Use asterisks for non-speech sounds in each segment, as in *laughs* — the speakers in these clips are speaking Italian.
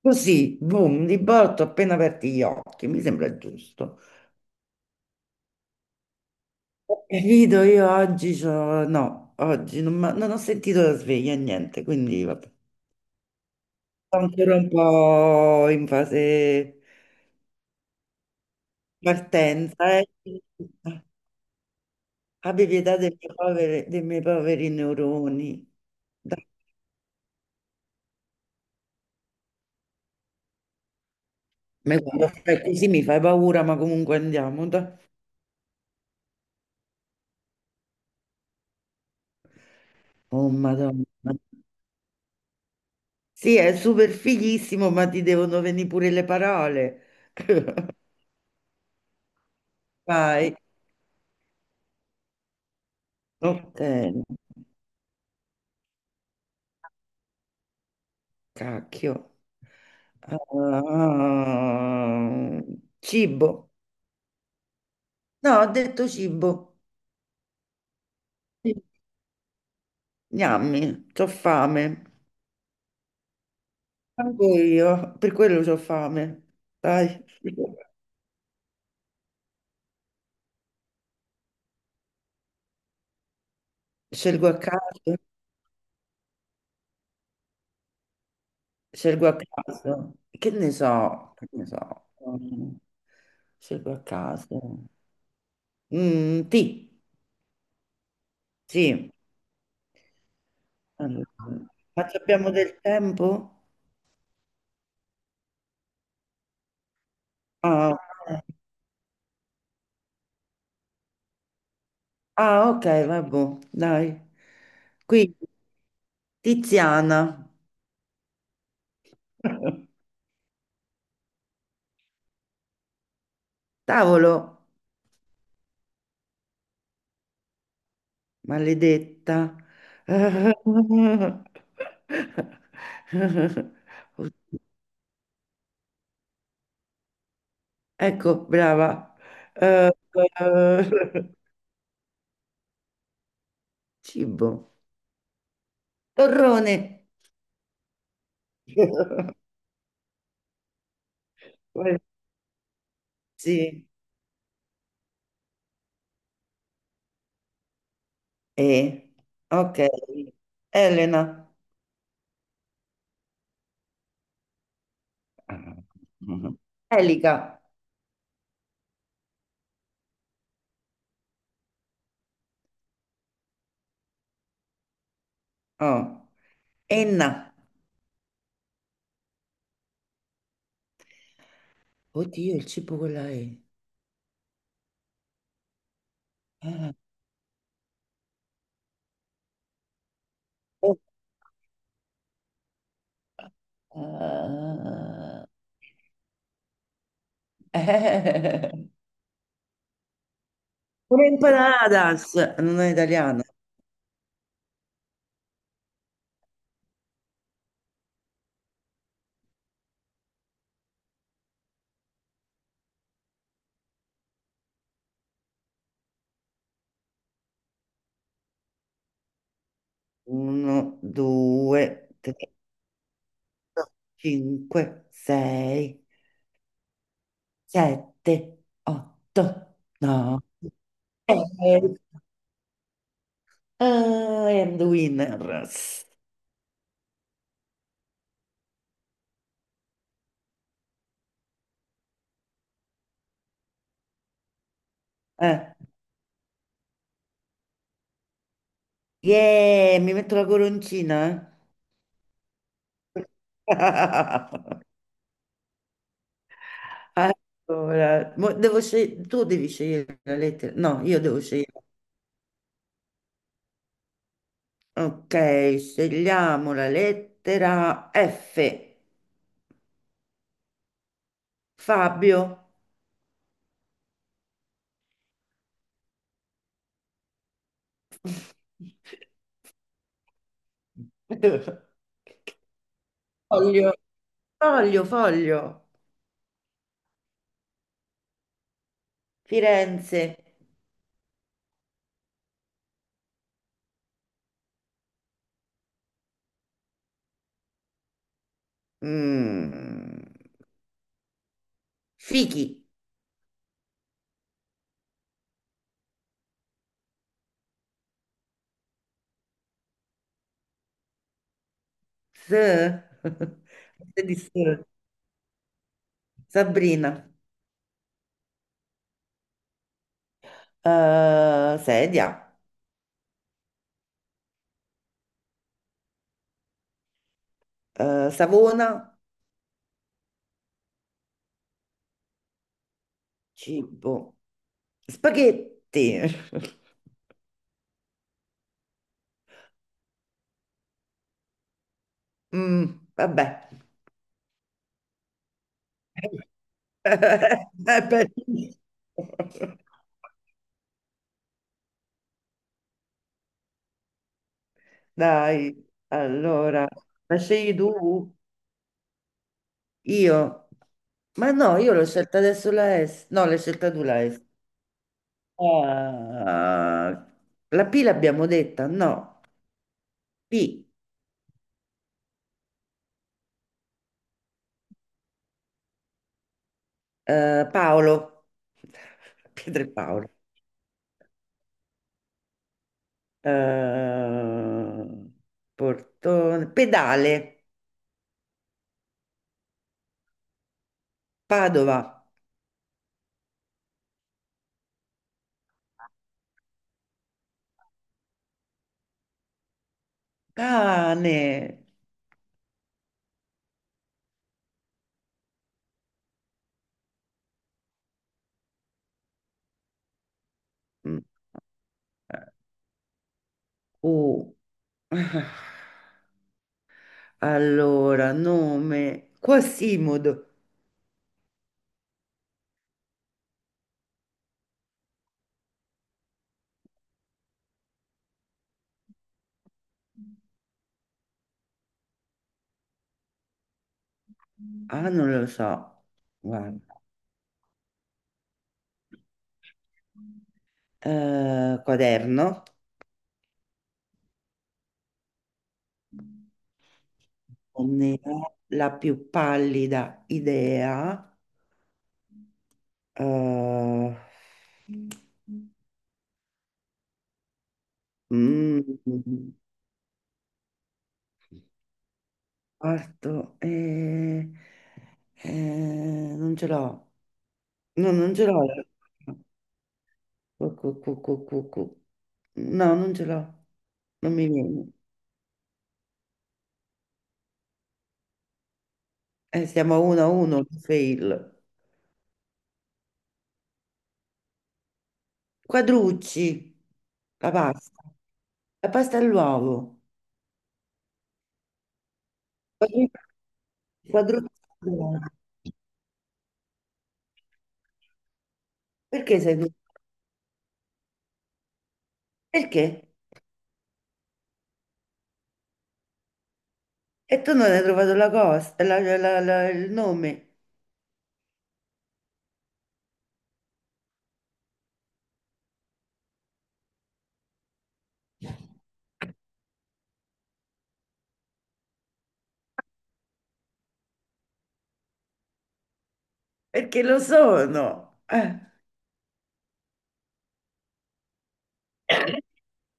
Così, boom, di botto, appena aperti gli occhi, mi sembra giusto. Capito, io oggi no, oggi non, non ho sentito la sveglia, niente, quindi vabbè. Sto ancora un po' in fase partenza. Abbi pietà dei miei poveri neuroni. Dai, ma quando fai così mi fai paura, ma comunque andiamo. Dai. Oh, Madonna. Sì, è super fighissimo, ma ti devono venire pure le parole. *laughs* Vai. Hotel. Cacchio. Ah, cibo. No, ho detto cibo. Sì. Gnammi, c'ho fame. Anche io, per quello c'ho fame. Dai, scelgo a caso, scelgo a caso. Che ne so, che ne so. Mm, Scelgo a caso. Ti, sì. Allora, ma ci abbiamo del tempo? Ah, ok, vabbè, dai. Quindi, Tiziana, *laughs* cavolo, maledetta. Ecco, brava. Eh, eh, Cibo. Torrone. Sì. E, ok. Elena. *laughs* Elica. Oh. Enna. Oddio, il cibo con la E. Eh, oh, eh, eh. Una empanadas, non è italiana. Uno, due, tre, cinque, sei, sette, otto, nove, dieci. Ah, I am the winner. Eh. Yeah, mi metto la coroncina. Eh? *laughs* Allora, tu devi scegliere la lettera. No, io devo scegliere. Ok, scegliamo la lettera F. Fabio. Voglio. Foglio, foglio. Firenze. Mm, Fichi. S. *laughs* S di S. Sabrina. Sedia. Savona. Cibo. Spaghetti. *laughs* Mm, Vabbè. *laughs* È bellissimo. Dai, allora, la scegli tu? Io? Ma no, io l'ho scelta adesso la S. No, l'hai scelta tu la S. Ah, la P l'abbiamo detta, no? P, Paolo. *laughs* Pietro e Paolo. Eh, Portone, pedale, Padova, cane. Mm, U. *laughs* Allora, nome Quasimodo. Ah, non lo so. Guarda. Quaderno. Non ne ho la più pallida idea. Eh, mm, Parto. Non ce l'ho. No, non ce l'ho. Cu- cu- cu- cu- cu- cu. No, non ce l'ho. Non mi viene. Siamo a 1-1, fail. Quadrucci, la pasta, la pasta all'uovo. Quadru- Quadrucci, all'uovo. Perché sei tu? Perché? E tu non hai trovato la cosa, il nome. Perché lo sono.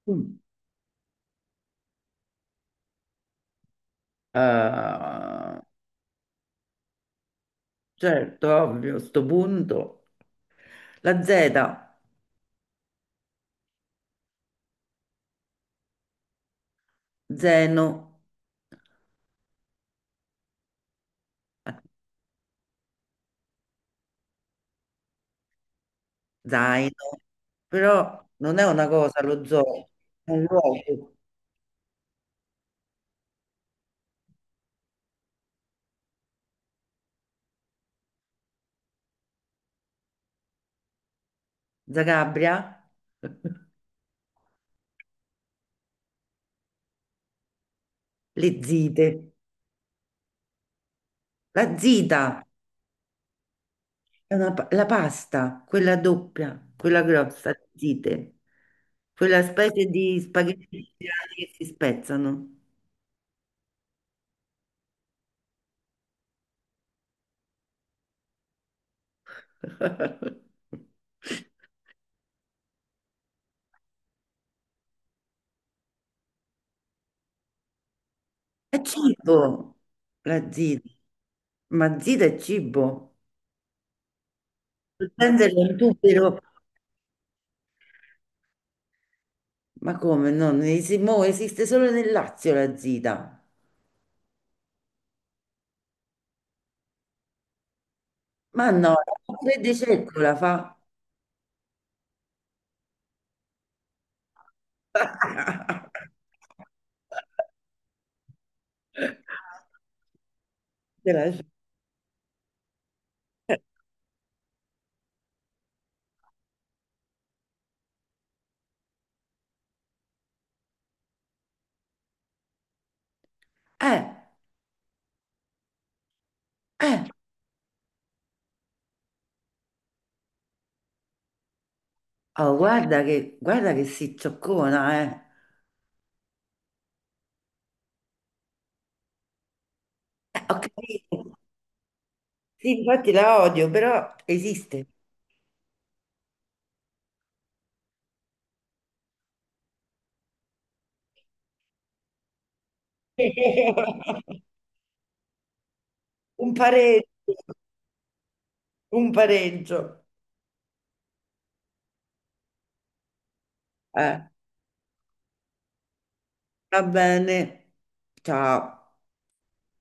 Mm. Ah, certo, ovvio, sto punto. La Z, zeno, zaino, però non è una cosa lo zoo, è un luogo. Zagabria. *laughs* Le zite, la zita, è la pasta, quella doppia, quella grossa, zite, quella specie di spaghetti siciliani che si spezzano. *laughs* È cibo, la zita, ma zita è cibo. Il Pensano è un tubero, ma come no? Non mo esiste solo nel Lazio la zita. Ma no, la Fede Cecco la fa. *laughs* Te la- Eh, eh, oh, Guarda che, guarda che si zoccona, eh. Ho capito. Sì, infatti la odio, però esiste. *laughs* Un pareggio, un pareggio. Eh, Va bene. Ciao.